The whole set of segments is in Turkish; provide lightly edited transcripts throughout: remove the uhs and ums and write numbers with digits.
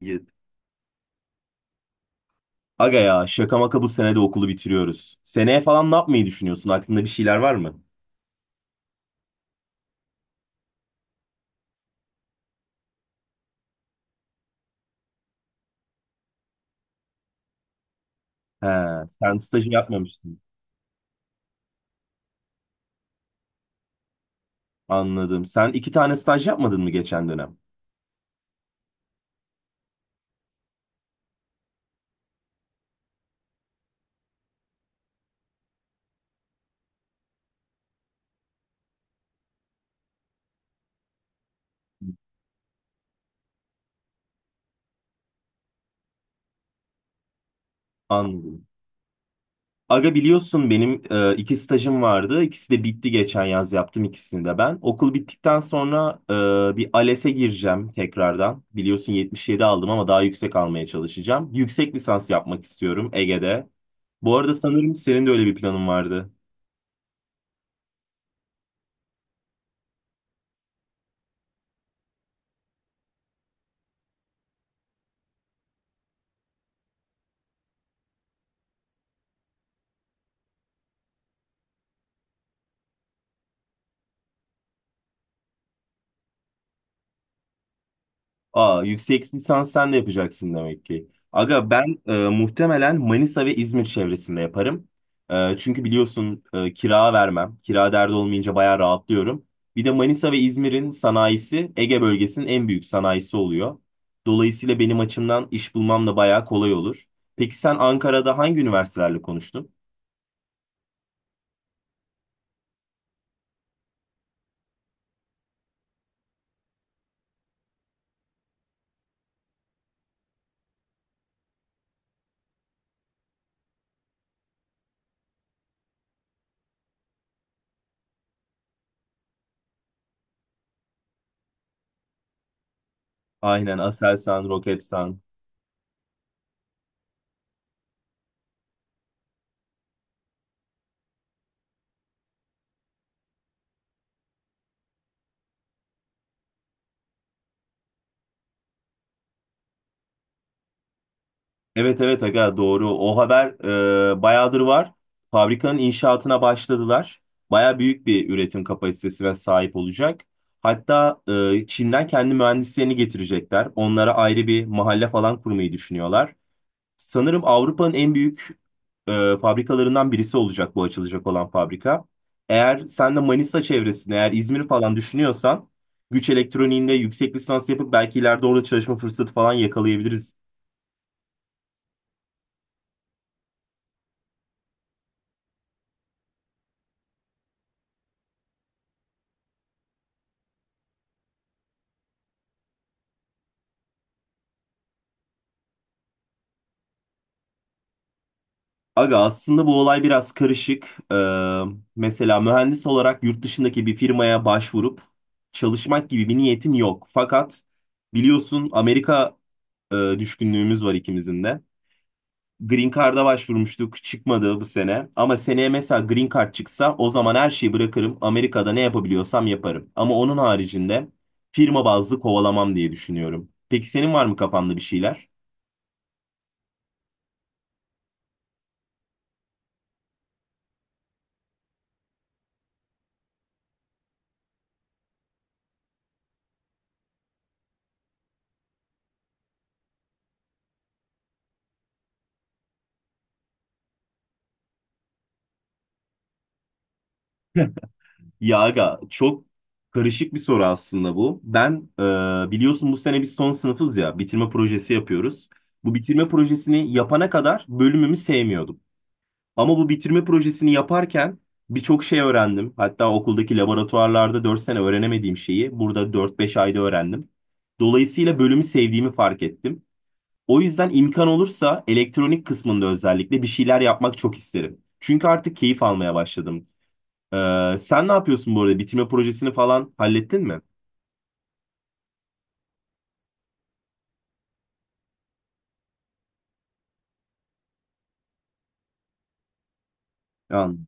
Git. Aga ya şaka maka bu sene de okulu bitiriyoruz. Seneye falan ne yapmayı düşünüyorsun? Aklında bir şeyler var mı? He, sen stajı yapmamıştın. Anladım. Sen iki tane staj yapmadın mı geçen dönem? Anladım. Aga biliyorsun benim iki stajım vardı. İkisi de bitti geçen yaz yaptım ikisini de ben. Okul bittikten sonra bir ALES'e gireceğim tekrardan. Biliyorsun 77 aldım ama daha yüksek almaya çalışacağım. Yüksek lisans yapmak istiyorum Ege'de. Bu arada sanırım senin de öyle bir planın vardı. Aa, yüksek lisans sen de yapacaksın demek ki. Aga ben muhtemelen Manisa ve İzmir çevresinde yaparım. Çünkü biliyorsun kira vermem. Kira derdi olmayınca bayağı rahatlıyorum. Bir de Manisa ve İzmir'in sanayisi Ege bölgesinin en büyük sanayisi oluyor. Dolayısıyla benim açımdan iş bulmam da bayağı kolay olur. Peki sen Ankara'da hangi üniversitelerle konuştun? Aynen Aselsan, Roketsan. Evet, evet aga doğru. O haber bayağıdır var. Fabrikanın inşaatına başladılar. Baya büyük bir üretim kapasitesine sahip olacak. Hatta Çin'den kendi mühendislerini getirecekler. Onlara ayrı bir mahalle falan kurmayı düşünüyorlar. Sanırım Avrupa'nın en büyük fabrikalarından birisi olacak bu açılacak olan fabrika. Eğer sen de Manisa çevresini, eğer İzmir falan düşünüyorsan güç elektroniğinde yüksek lisans yapıp belki ileride orada çalışma fırsatı falan yakalayabiliriz. Aga aslında bu olay biraz karışık. Mesela mühendis olarak yurt dışındaki bir firmaya başvurup çalışmak gibi bir niyetim yok. Fakat biliyorsun Amerika düşkünlüğümüz var ikimizin de. Green Card'a başvurmuştuk, çıkmadı bu sene. Ama seneye mesela Green Card çıksa o zaman her şeyi bırakırım. Amerika'da ne yapabiliyorsam yaparım. Ama onun haricinde firma bazlı kovalamam diye düşünüyorum. Peki senin var mı kafanda bir şeyler? Ya aga çok karışık bir soru aslında bu. Ben biliyorsun bu sene biz son sınıfız ya bitirme projesi yapıyoruz. Bu bitirme projesini yapana kadar bölümümü sevmiyordum. Ama bu bitirme projesini yaparken birçok şey öğrendim. Hatta okuldaki laboratuvarlarda 4 sene öğrenemediğim şeyi burada dört beş ayda öğrendim. Dolayısıyla bölümü sevdiğimi fark ettim. O yüzden imkan olursa elektronik kısmında özellikle bir şeyler yapmak çok isterim. Çünkü artık keyif almaya başladım. Sen ne yapıyorsun bu arada? Bitirme projesini falan hallettin mi? Yani,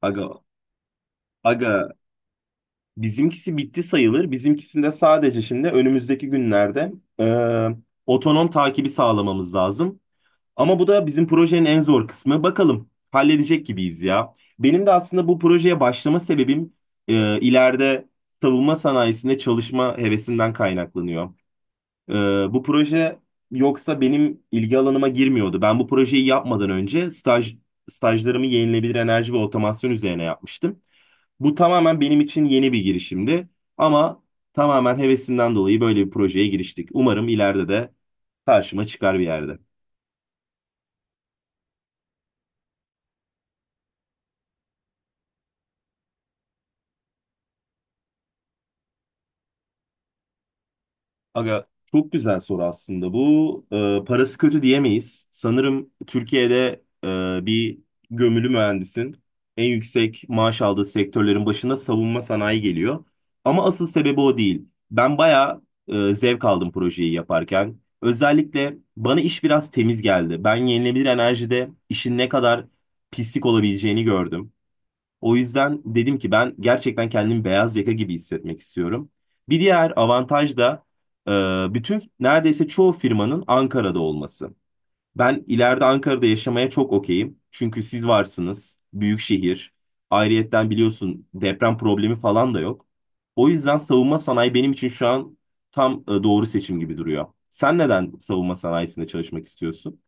aga, aga bizimkisi bitti sayılır. Bizimkisinde sadece şimdi önümüzdeki günlerde e, otonom takibi sağlamamız lazım. Ama bu da bizim projenin en zor kısmı. Bakalım halledecek gibiyiz ya. Benim de aslında bu projeye başlama sebebim ileride savunma sanayisinde çalışma hevesimden kaynaklanıyor. Ee, bu proje yoksa benim ilgi alanıma girmiyordu. Ben bu projeyi yapmadan önce stajlarımı yenilenebilir enerji ve otomasyon üzerine yapmıştım. Bu tamamen benim için yeni bir girişimdi ama tamamen hevesimden dolayı böyle bir projeye giriştik. Umarım ileride de karşıma çıkar bir yerde. Aga çok güzel soru aslında. Bu parası kötü diyemeyiz. Sanırım Türkiye'de bir gömülü mühendisin en yüksek maaş aldığı sektörlerin başında savunma sanayi geliyor. Ama asıl sebebi o değil. Ben bayağı zevk aldım projeyi yaparken. Özellikle bana iş biraz temiz geldi. Ben yenilenebilir enerjide işin ne kadar pislik olabileceğini gördüm. O yüzden dedim ki ben gerçekten kendimi beyaz yaka gibi hissetmek istiyorum. Bir diğer avantaj da bütün neredeyse çoğu firmanın Ankara'da olması. Ben ileride Ankara'da yaşamaya çok okeyim. Çünkü siz varsınız, büyük şehir. Ayrıyetten biliyorsun deprem problemi falan da yok. O yüzden savunma sanayi benim için şu an tam doğru seçim gibi duruyor. Sen neden savunma sanayisinde çalışmak istiyorsun?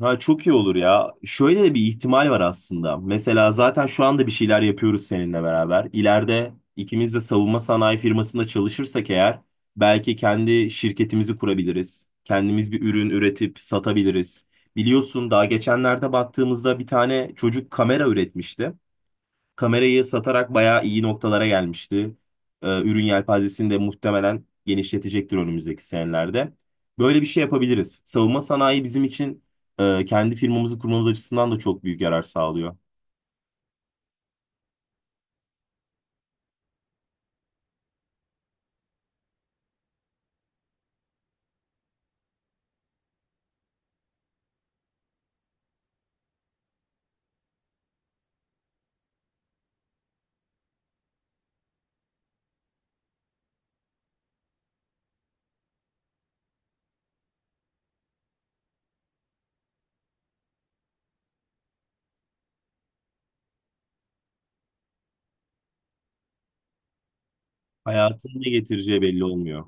Ha, çok iyi olur ya. Şöyle de bir ihtimal var aslında. Mesela zaten şu anda bir şeyler yapıyoruz seninle beraber. İleride ikimiz de savunma sanayi firmasında çalışırsak eğer belki kendi şirketimizi kurabiliriz. Kendimiz bir ürün üretip satabiliriz. Biliyorsun daha geçenlerde baktığımızda bir tane çocuk kamera üretmişti, kamerayı satarak bayağı iyi noktalara gelmişti. Ürün yelpazesini de muhtemelen genişletecektir önümüzdeki senelerde. Böyle bir şey yapabiliriz. Savunma sanayi bizim için kendi firmamızı kurmamız açısından da çok büyük yarar sağlıyor. Hayatın ne getireceği belli olmuyor.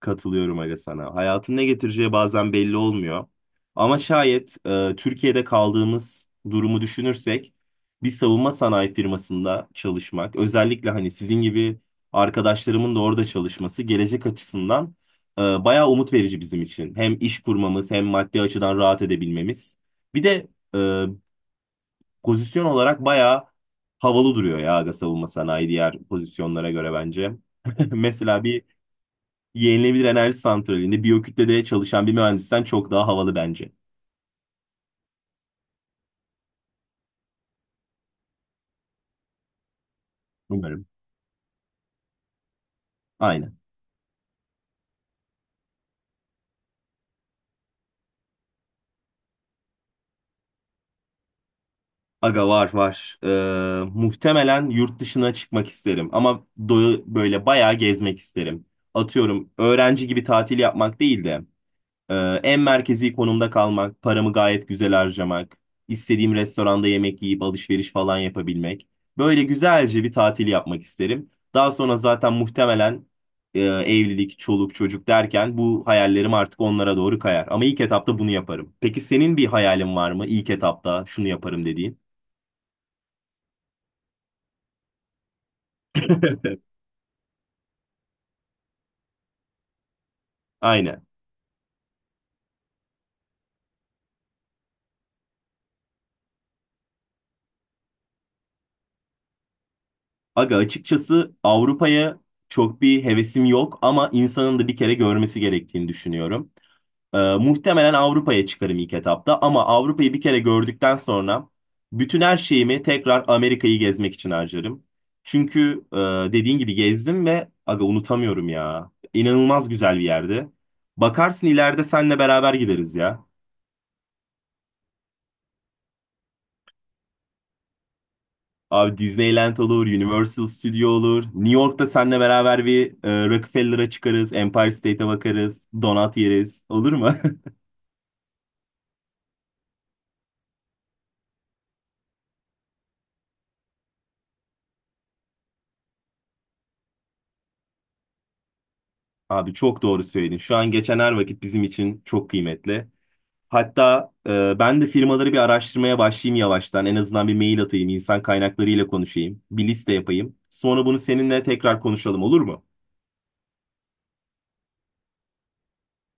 Katılıyorum aga sana. Hayatın ne getireceği bazen belli olmuyor. Ama şayet Türkiye'de kaldığımız durumu düşünürsek bir savunma sanayi firmasında çalışmak, özellikle hani sizin gibi arkadaşlarımın da orada çalışması gelecek açısından bayağı umut verici bizim için. Hem iş kurmamız hem maddi açıdan rahat edebilmemiz. Bir de e, pozisyon olarak bayağı havalı duruyor ya aga savunma sanayi diğer pozisyonlara göre bence. Mesela bir yenilenebilir enerji santralinde biyokütlede çalışan bir mühendisten çok daha havalı bence. Umarım. Aynen. Aga var, var. Muhtemelen yurt dışına çıkmak isterim ama böyle bayağı gezmek isterim. Atıyorum öğrenci gibi tatil yapmak değil de. Ee, en merkezi konumda kalmak, paramı gayet güzel harcamak, istediğim restoranda yemek yiyip alışveriş falan yapabilmek. Böyle güzelce bir tatil yapmak isterim. Daha sonra zaten muhtemelen evlilik, çoluk, çocuk derken bu hayallerim artık onlara doğru kayar. Ama ilk etapta bunu yaparım. Peki senin bir hayalin var mı? İlk etapta şunu yaparım dediğin. Aynen. Aga açıkçası Avrupa'ya çok bir hevesim yok ama insanın da bir kere görmesi gerektiğini düşünüyorum. Muhtemelen Avrupa'ya çıkarım ilk etapta ama Avrupa'yı bir kere gördükten sonra bütün her şeyimi tekrar Amerika'yı gezmek için harcarım. Çünkü dediğin gibi gezdim ve aga unutamıyorum ya. İnanılmaz güzel bir yerde. Bakarsın ileride senle beraber gideriz ya. Abi Disneyland olur, Universal Studio olur. New York'ta senle beraber bir Rockefeller'a çıkarız, Empire State'e bakarız, donut yeriz. Olur mu? Abi çok doğru söyledin. Şu an geçen her vakit bizim için çok kıymetli. Hatta ben de firmaları bir araştırmaya başlayayım yavaştan. En azından bir mail atayım, insan kaynaklarıyla konuşayım, bir liste yapayım. Sonra bunu seninle tekrar konuşalım, olur mu?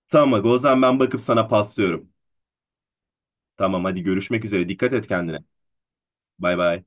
Tamam, aga, o zaman ben bakıp sana paslıyorum. Tamam, hadi görüşmek üzere. Dikkat et kendine. Bay bay.